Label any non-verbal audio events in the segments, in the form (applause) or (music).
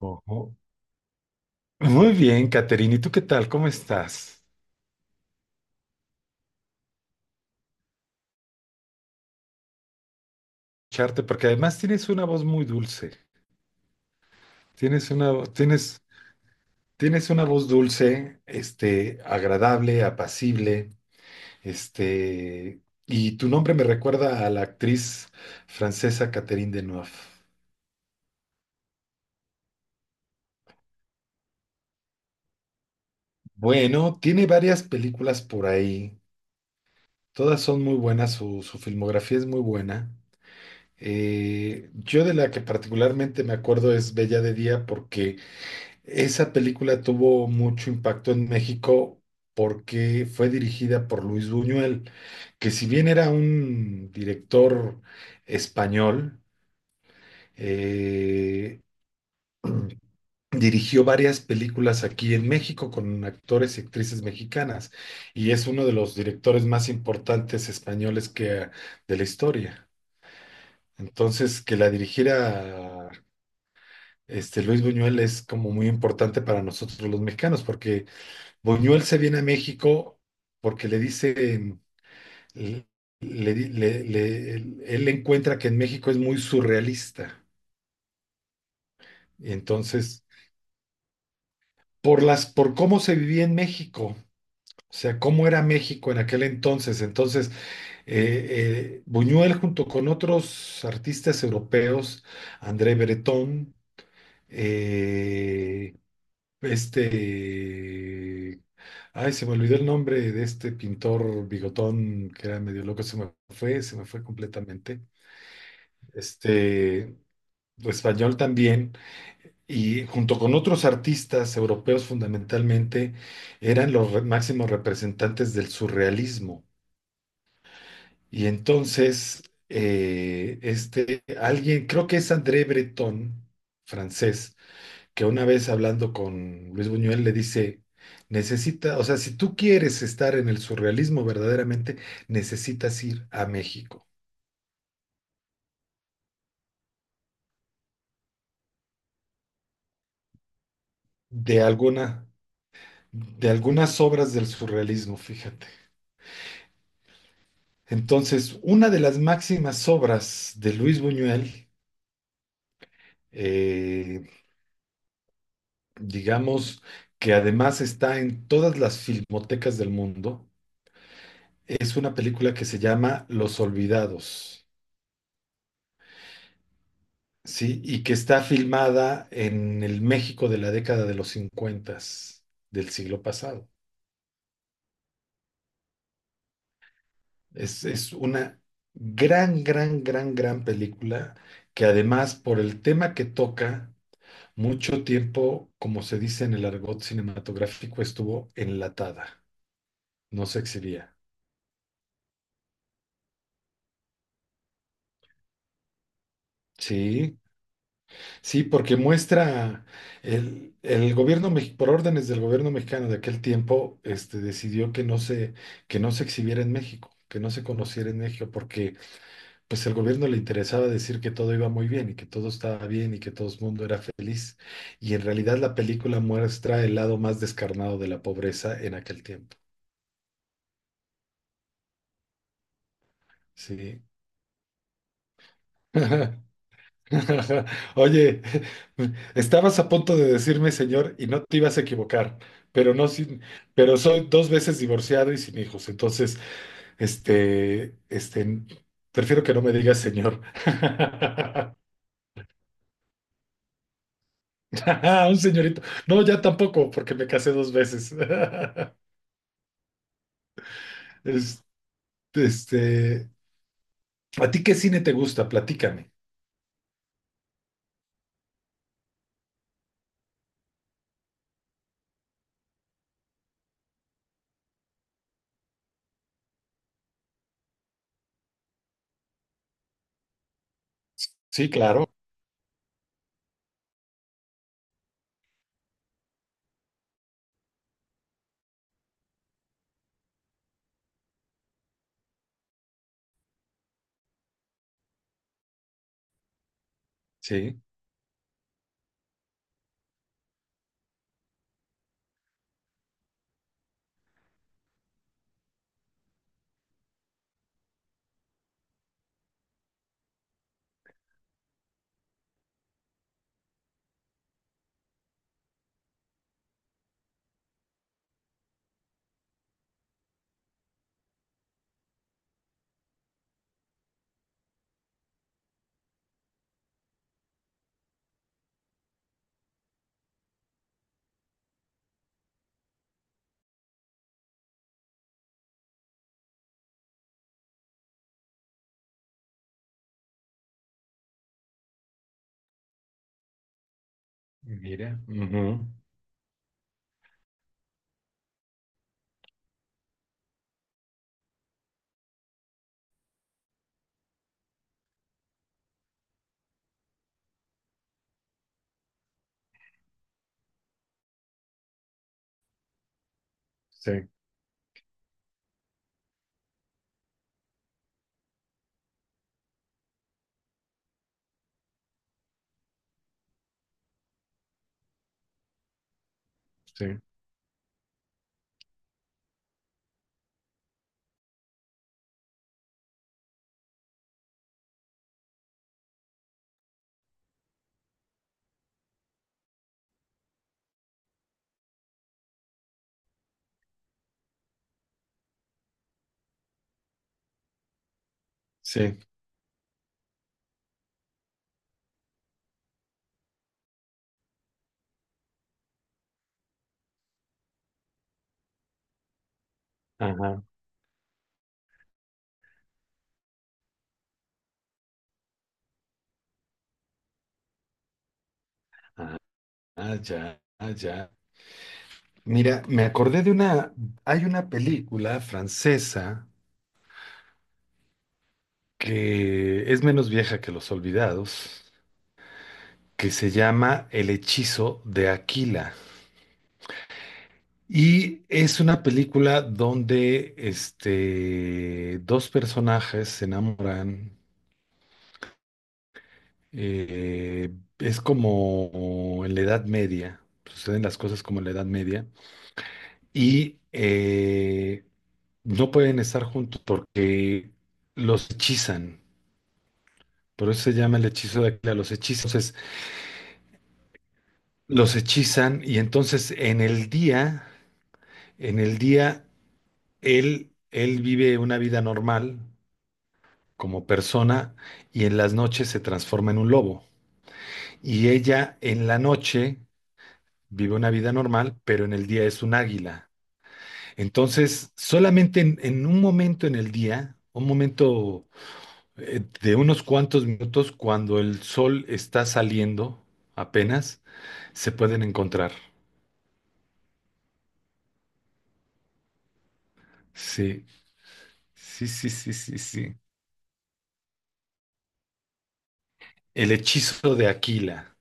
Ojo. Muy bien, Caterina. ¿Y tú qué tal? ¿Cómo estás? Charte, porque además tienes una voz muy dulce. Tienes una, vo- tienes, tienes una voz dulce, agradable, apacible, este, y tu nombre me recuerda a la actriz francesa Catherine Deneuve. Bueno, tiene varias películas por ahí. Todas son muy buenas, su filmografía es muy buena. Yo de la que particularmente me acuerdo es Bella de Día, porque esa película tuvo mucho impacto en México porque fue dirigida por Luis Buñuel, que si bien era un director español, eh, (clears throat) dirigió varias películas aquí en México con actores y actrices mexicanas, y es uno de los directores más importantes españoles que de la historia. Entonces, que la dirigiera Luis Buñuel es como muy importante para nosotros los mexicanos, porque Buñuel se viene a México porque le dicen, le- él encuentra que en México es muy surrealista. Y entonces, por cómo se vivía en México, o sea, cómo era México en aquel entonces. Entonces, Buñuel junto con otros artistas europeos, André Breton, eh, este ay, se me olvidó el nombre de este pintor bigotón que era medio loco, se me fue completamente. Este, Español también, y junto con otros artistas europeos fundamentalmente, eran los máximos representantes del surrealismo. Y entonces, alguien, creo que es André Breton, francés, que una vez hablando con Luis Buñuel le dice, necesita, o sea, si tú quieres estar en el surrealismo verdaderamente, necesitas ir a México. De alguna, de algunas obras del surrealismo, fíjate. Entonces, una de las máximas obras de Luis Buñuel, eh, digamos, que además está en todas las filmotecas del mundo, es una película que se llama Los Olvidados. Sí, y que está filmada en el México de la década de los 50 del siglo pasado. Es una gran, gran, gran, gran película que además, por el tema que toca, mucho tiempo, como se dice en el argot cinematográfico, estuvo enlatada, no se exhibía. Sí, sí, porque muestra el gobierno, por órdenes del gobierno mexicano de aquel tiempo, decidió que no se exhibiera en México, que no se conociera en México, porque pues el gobierno le interesaba decir que todo iba muy bien y que todo estaba bien y que todo el mundo era feliz. Y en realidad la película muestra el lado más descarnado de la pobreza en aquel tiempo. Sí. (laughs) (laughs) Oye, estabas a punto de decirme señor y no te ibas a equivocar, pero no sin- pero soy dos veces divorciado y sin hijos, entonces, este, este, prefiero que no me digas señor. (laughs) (laughs) Un señorito. No, ya tampoco, porque me casé dos veces. (laughs) Es- Este, ¿A ti qué cine te gusta? Platícame. Sí, claro. Sí, mira. Ujú. Sí, sí, sí. Ajá. Ah, ya, ah, ya. Mira, me acordé de una, hay una película francesa que es menos vieja que Los Olvidados, que se llama El hechizo de Aquila. Y es una película donde dos personajes se enamoran. eh, es como en la Edad Media, suceden las cosas como en la Edad Media. Y no pueden estar juntos porque los hechizan. Por eso se llama El hechizo de Aquila, los hechizan. Entonces, los hechizan y entonces en el día, él vive una vida normal como persona, y en las noches se transforma en un lobo. Y ella en la noche vive una vida normal, pero en el día es un águila. Entonces, solamente en un momento en el día, un momento de unos cuantos minutos cuando el sol está saliendo apenas, se pueden encontrar. Sí, sí, sí, sí, sí, sí. El hechizo de Aquila.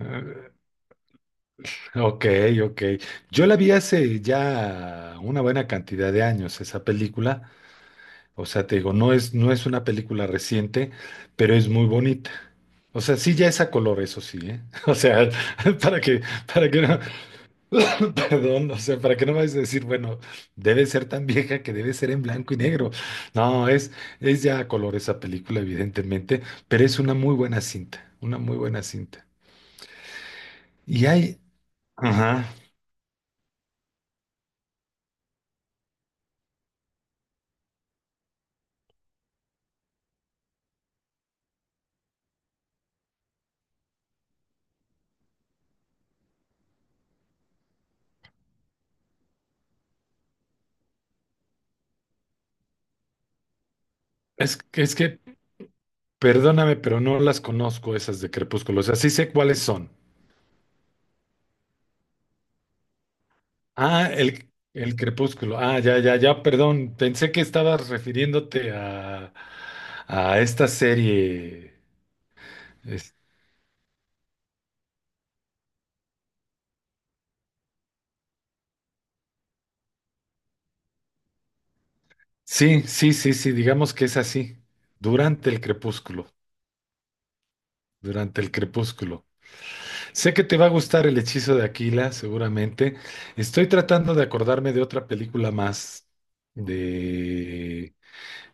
Ah, ok, ok. Yo la vi hace ya una buena cantidad de años esa película. O sea, te digo, no es, no es una película reciente, pero es muy bonita. O sea, sí ya es a color, eso sí, ¿eh? (laughs) O sea, (laughs) para que, para que no. (laughs) Perdón, o sea, ¿para qué no me vas a decir, bueno, debe ser tan vieja que debe ser en blanco y negro? No, es ya a color esa película, evidentemente, pero es una muy buena cinta, una muy buena cinta. Y hay, ajá, es que, perdóname, pero no las conozco esas de Crepúsculo, o sea, sí sé cuáles son. Ah, el Crepúsculo, ah, ya, ya, ya, perdón, pensé que estabas refiriéndote a, esta serie. Sí, sí, sí, sí, digamos que es así, durante el crepúsculo, durante el crepúsculo. Sé que te va a gustar El hechizo de Aquila, seguramente. Estoy tratando de acordarme de otra película más de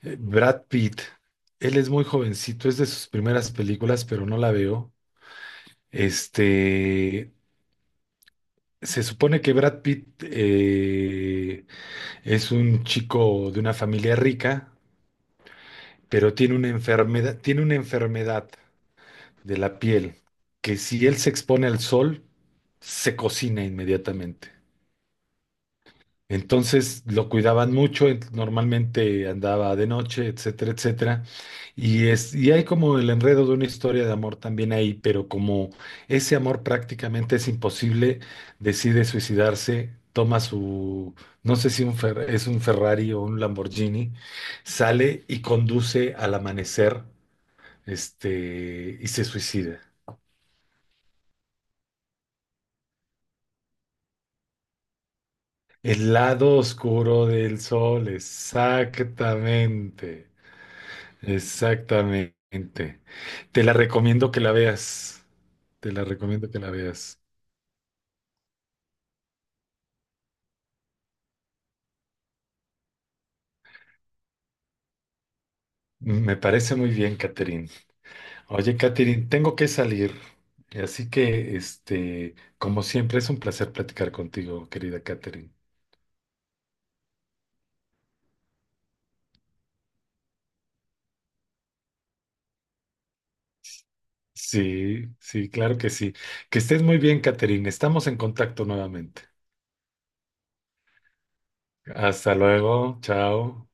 Brad Pitt. Él es muy jovencito, es de sus primeras películas, pero no la veo. Este, Se supone que Brad Pitt es un chico de una familia rica, pero tiene una enfermedad de la piel, que si él se expone al sol, se cocina inmediatamente. Entonces lo cuidaban mucho, normalmente andaba de noche, etcétera, etcétera. Y hay como el enredo de una historia de amor también ahí, pero como ese amor prácticamente es imposible, decide suicidarse, toma su, no sé si es un Ferrari o un Lamborghini, sale y conduce al amanecer, y se suicida. El lado oscuro del sol, exactamente, exactamente. Te la recomiendo que la veas, te la recomiendo que la veas. Me parece muy bien, Catherine. Oye, Catherine, tengo que salir, así que, como siempre, es un placer platicar contigo, querida Catherine. Sí, sí, claro que sí. Que estés muy bien, Catherine. Estamos en contacto nuevamente. Hasta luego, chao.